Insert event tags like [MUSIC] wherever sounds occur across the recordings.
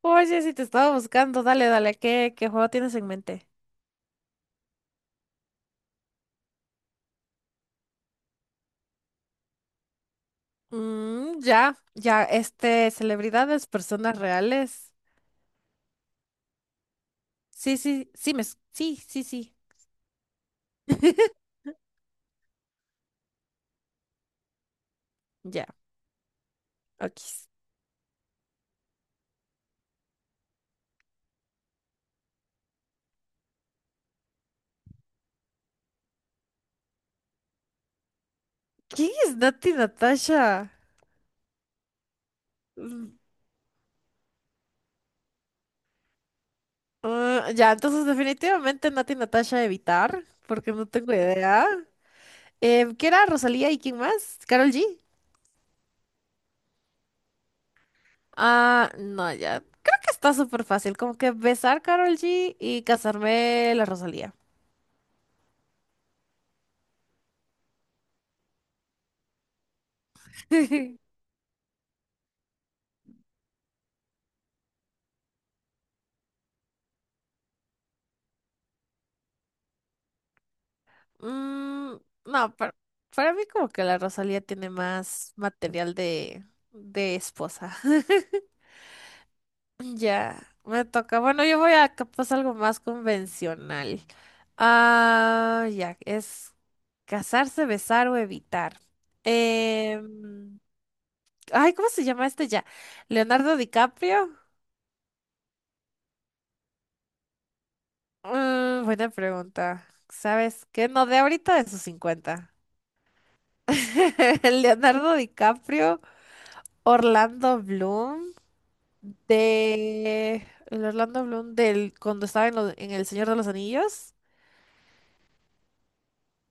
Oye, si te estaba buscando, dale, dale, ¿qué juego tienes en mente? Mm, ya, ya, celebridades, personas reales. Sí, sí, sí, sí, sí, sí. [LAUGHS] Ya, ok. ¿Quién es Nati Natasha? Mm, ya, entonces definitivamente Nati Natasha evitar, porque no tengo idea. ¿Qué era Rosalía y quién más? ¿Carol G? Ah, no, ya. Creo que está súper fácil, como que besar Carol G y casarme la Rosalía. [LAUGHS] Mm, no, para mí como que la Rosalía tiene más material de esposa. [LAUGHS] Ya, me toca. Bueno, yo voy a capaz algo más convencional. Ah, ya, es casarse, besar o evitar. Em, Ay, ¿cómo se llama este ya? ¿Leonardo DiCaprio? Mm, buena pregunta. ¿Sabes qué? No, de ahorita de sus cincuenta. [LAUGHS] Leonardo DiCaprio, Orlando Bloom. De el Orlando Bloom del cuando estaba en, en El Señor de los Anillos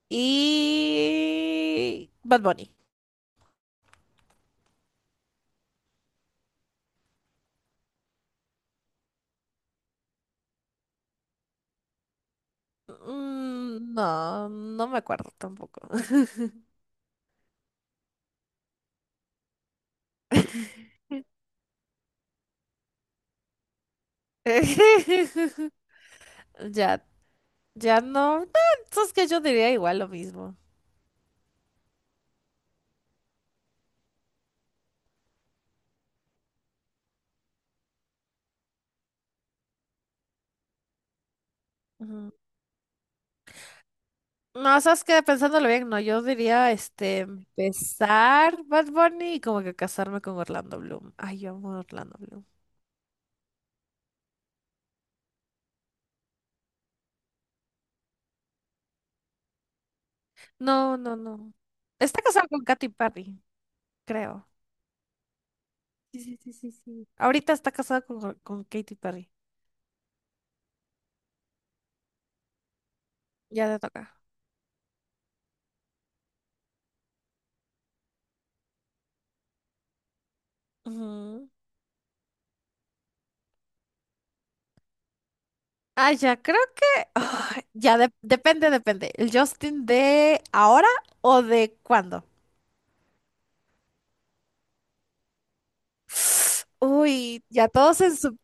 y Bad Bunny. Mm, no, no me acuerdo tampoco. [LAUGHS] Ya, ya no. No, sabes que yo diría igual lo mismo. Ujú. No, sabes que pensándolo bien, no, yo diría empezar Bad Bunny y como que casarme con Orlando Bloom. Ay, yo amo a Orlando Bloom. No, no, no. Está casado con Katy Perry, creo. Sí, sí, sí, sí, sí. Ahorita está casada con Katy Perry. Ya le toca. Ujú. Ah, ya, creo que... ya, depende, depende. ¿El Justin de ahora o de cuándo? Uy, ya todos en su...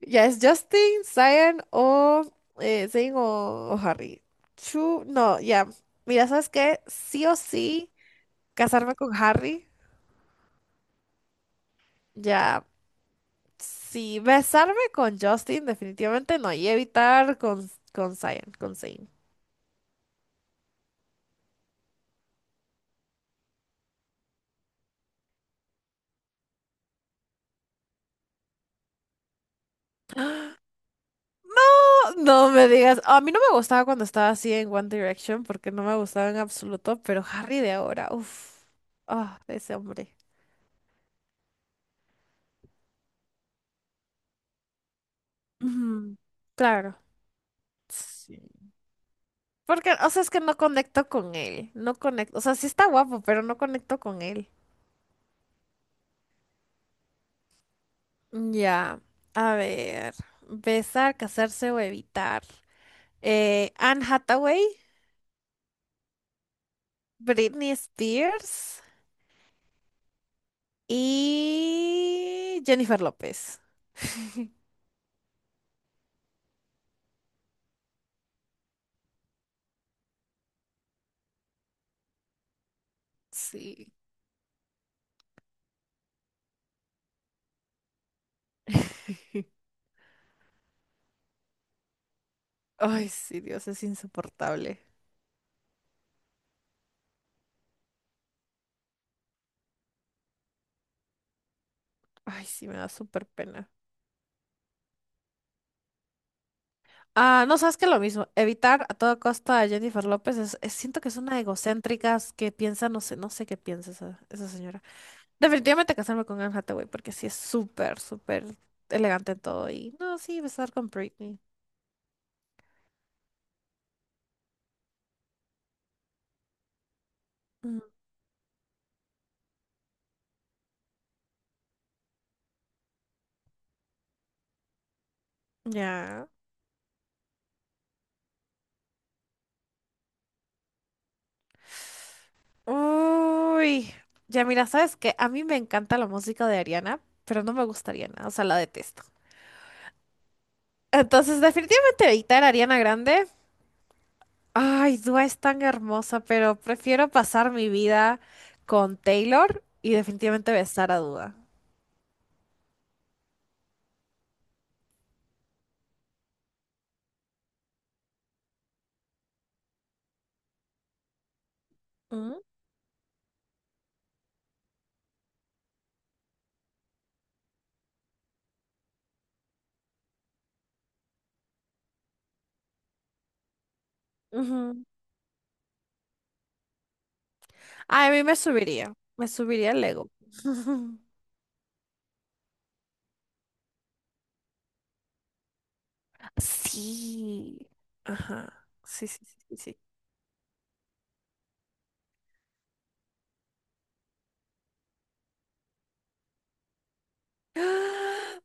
Ya es Justin, Zion o... Zayn o Harry. Chu, no, ya. Mira, ¿sabes qué? Sí o sí, casarme con Harry. Ya. Sí, besarme con Justin definitivamente no, y evitar con Zayn, con Zayn. No, no me digas, a mí no me gustaba cuando estaba así en One Direction porque no me gustaba en absoluto, pero Harry de ahora, uff, ah, ese hombre. Ujú, claro. Sí. Porque, o sea, es que no conecto con él, no conecto, o sea, sí está guapo, pero no conecto con él. Ya, a ver, besar, casarse o evitar. Anne Hathaway, Britney Spears y Jennifer López. Sí. [LAUGHS] Ay, sí, Dios, es insoportable. Ay, sí, me da súper pena. Ah, no, sabes que lo mismo, evitar a toda costa a Jennifer López siento que es una egocéntrica que piensa, no sé, no sé qué piensa esa señora. Definitivamente casarme con Anne Hathaway porque sí es súper, súper elegante en todo y no, sí, besar con Britney. Mm, ya. Uy, ya mira, sabes que a mí me encanta la música de Ariana, pero no me gusta Ariana, o sea, la detesto. Entonces, definitivamente evitar a Ariana Grande. Ay, Dua es tan hermosa, pero prefiero pasar mi vida con Taylor y definitivamente besar a Dua. Mm, ujú. Ay, a mí me subiría el ego. [LAUGHS] Sí. Ajá. Sí, sí, sí, sí, sí.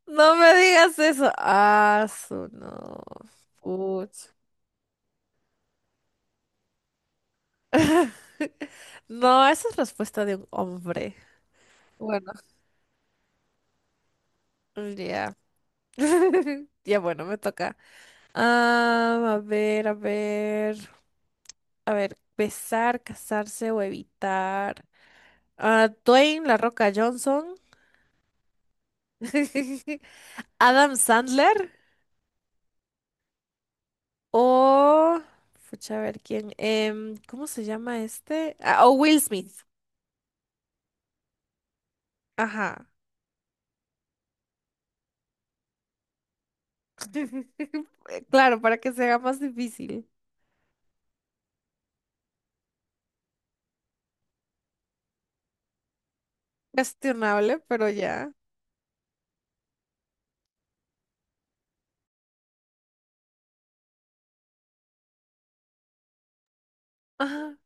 No me digas eso. Ah, su no. Puch. No, esa es respuesta de un hombre. Bueno, ya. [LAUGHS] Ya bueno, me toca. Ah, a ver, a ver. A ver, besar, casarse o evitar. Ah, Dwayne La Roca Johnson. [LAUGHS] Adam Sandler. O. Pucha, a ver quién. ¿Cómo se llama este? Ah, o Will Smith. Ajá. [LAUGHS] Claro, para que sea más difícil. Cuestionable, pero ya. Ajá.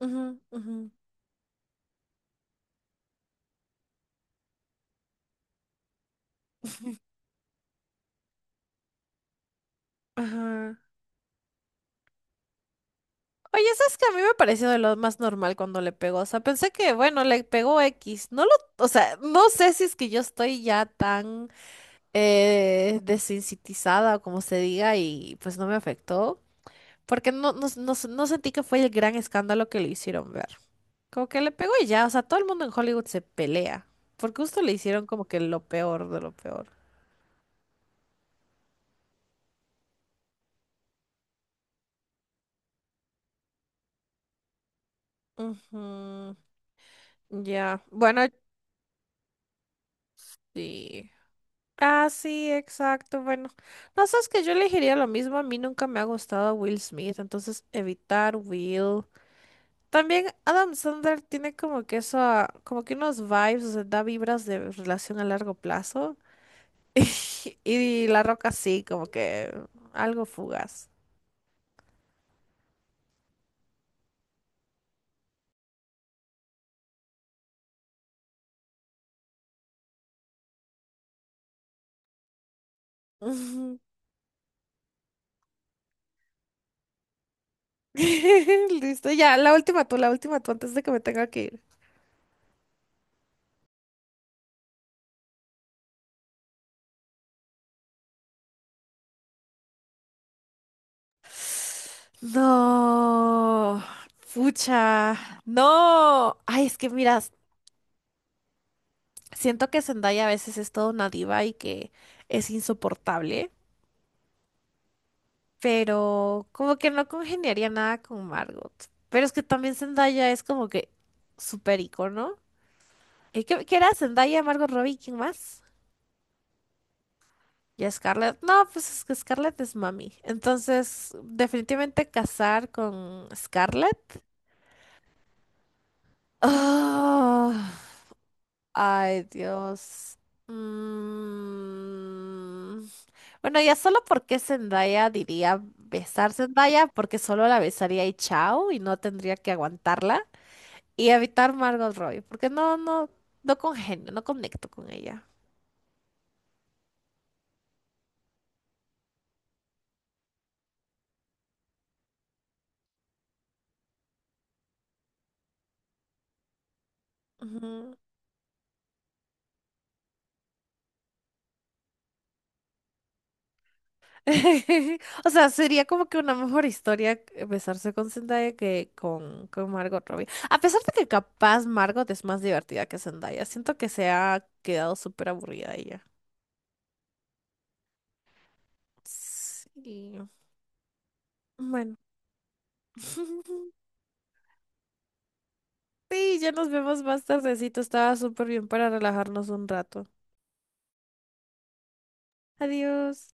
Ujú, ujú. Ajá. Oye, ¿sabes que a mí me pareció de lo más normal cuando le pegó? O sea, pensé que, bueno, le pegó X. O sea, no sé si es que yo estoy ya tan desensitizada, o como se diga, y pues no me afectó. Porque no, no, no, no sentí que fue el gran escándalo que le hicieron ver. Como que le pegó y ya, o sea, todo el mundo en Hollywood se pelea. Porque justo le hicieron como que lo peor de lo peor. Ujú, ya. Bueno, sí. Ah, sí, exacto. Bueno, no sabes que yo elegiría lo mismo. A mí nunca me ha gustado Will Smith, entonces evitar Will. También Adam Sandler tiene como que eso, como que unos vibes, o sea, da vibras de relación a largo plazo. [LAUGHS] Y la Roca sí, como que algo fugaz. Ujú. [LAUGHS] Listo, ya, la última tú, antes de que me tenga que ir. No, pucha, no. Ay, es que mira, siento que Zendaya a veces es toda una diva y que es insoportable, pero como que no congeniaría nada con Margot. Pero es que también Zendaya es como que súper icono. ¿Y qué era Zendaya, Margot Robbie, quién más? ¿Y Scarlett? No, pues es que Scarlett es mami. Entonces, definitivamente casar con Scarlett. Ah, ay, Dios. Mm. Bueno, ya solo porque Zendaya diría besar Zendaya, porque solo la besaría y chao, y no tendría que aguantarla. Y evitar Margot Robbie, porque no congenio, no conecto con ella. Ujú. [LAUGHS] O sea, sería como que una mejor historia besarse con Zendaya que con Margot Robbie. A pesar de que capaz Margot es más divertida que Zendaya, siento que se ha quedado súper aburrida ella. Sí. Bueno. [LAUGHS] Sí, ya nos vemos más tardecito. Estaba súper bien para relajarnos un rato. Adiós.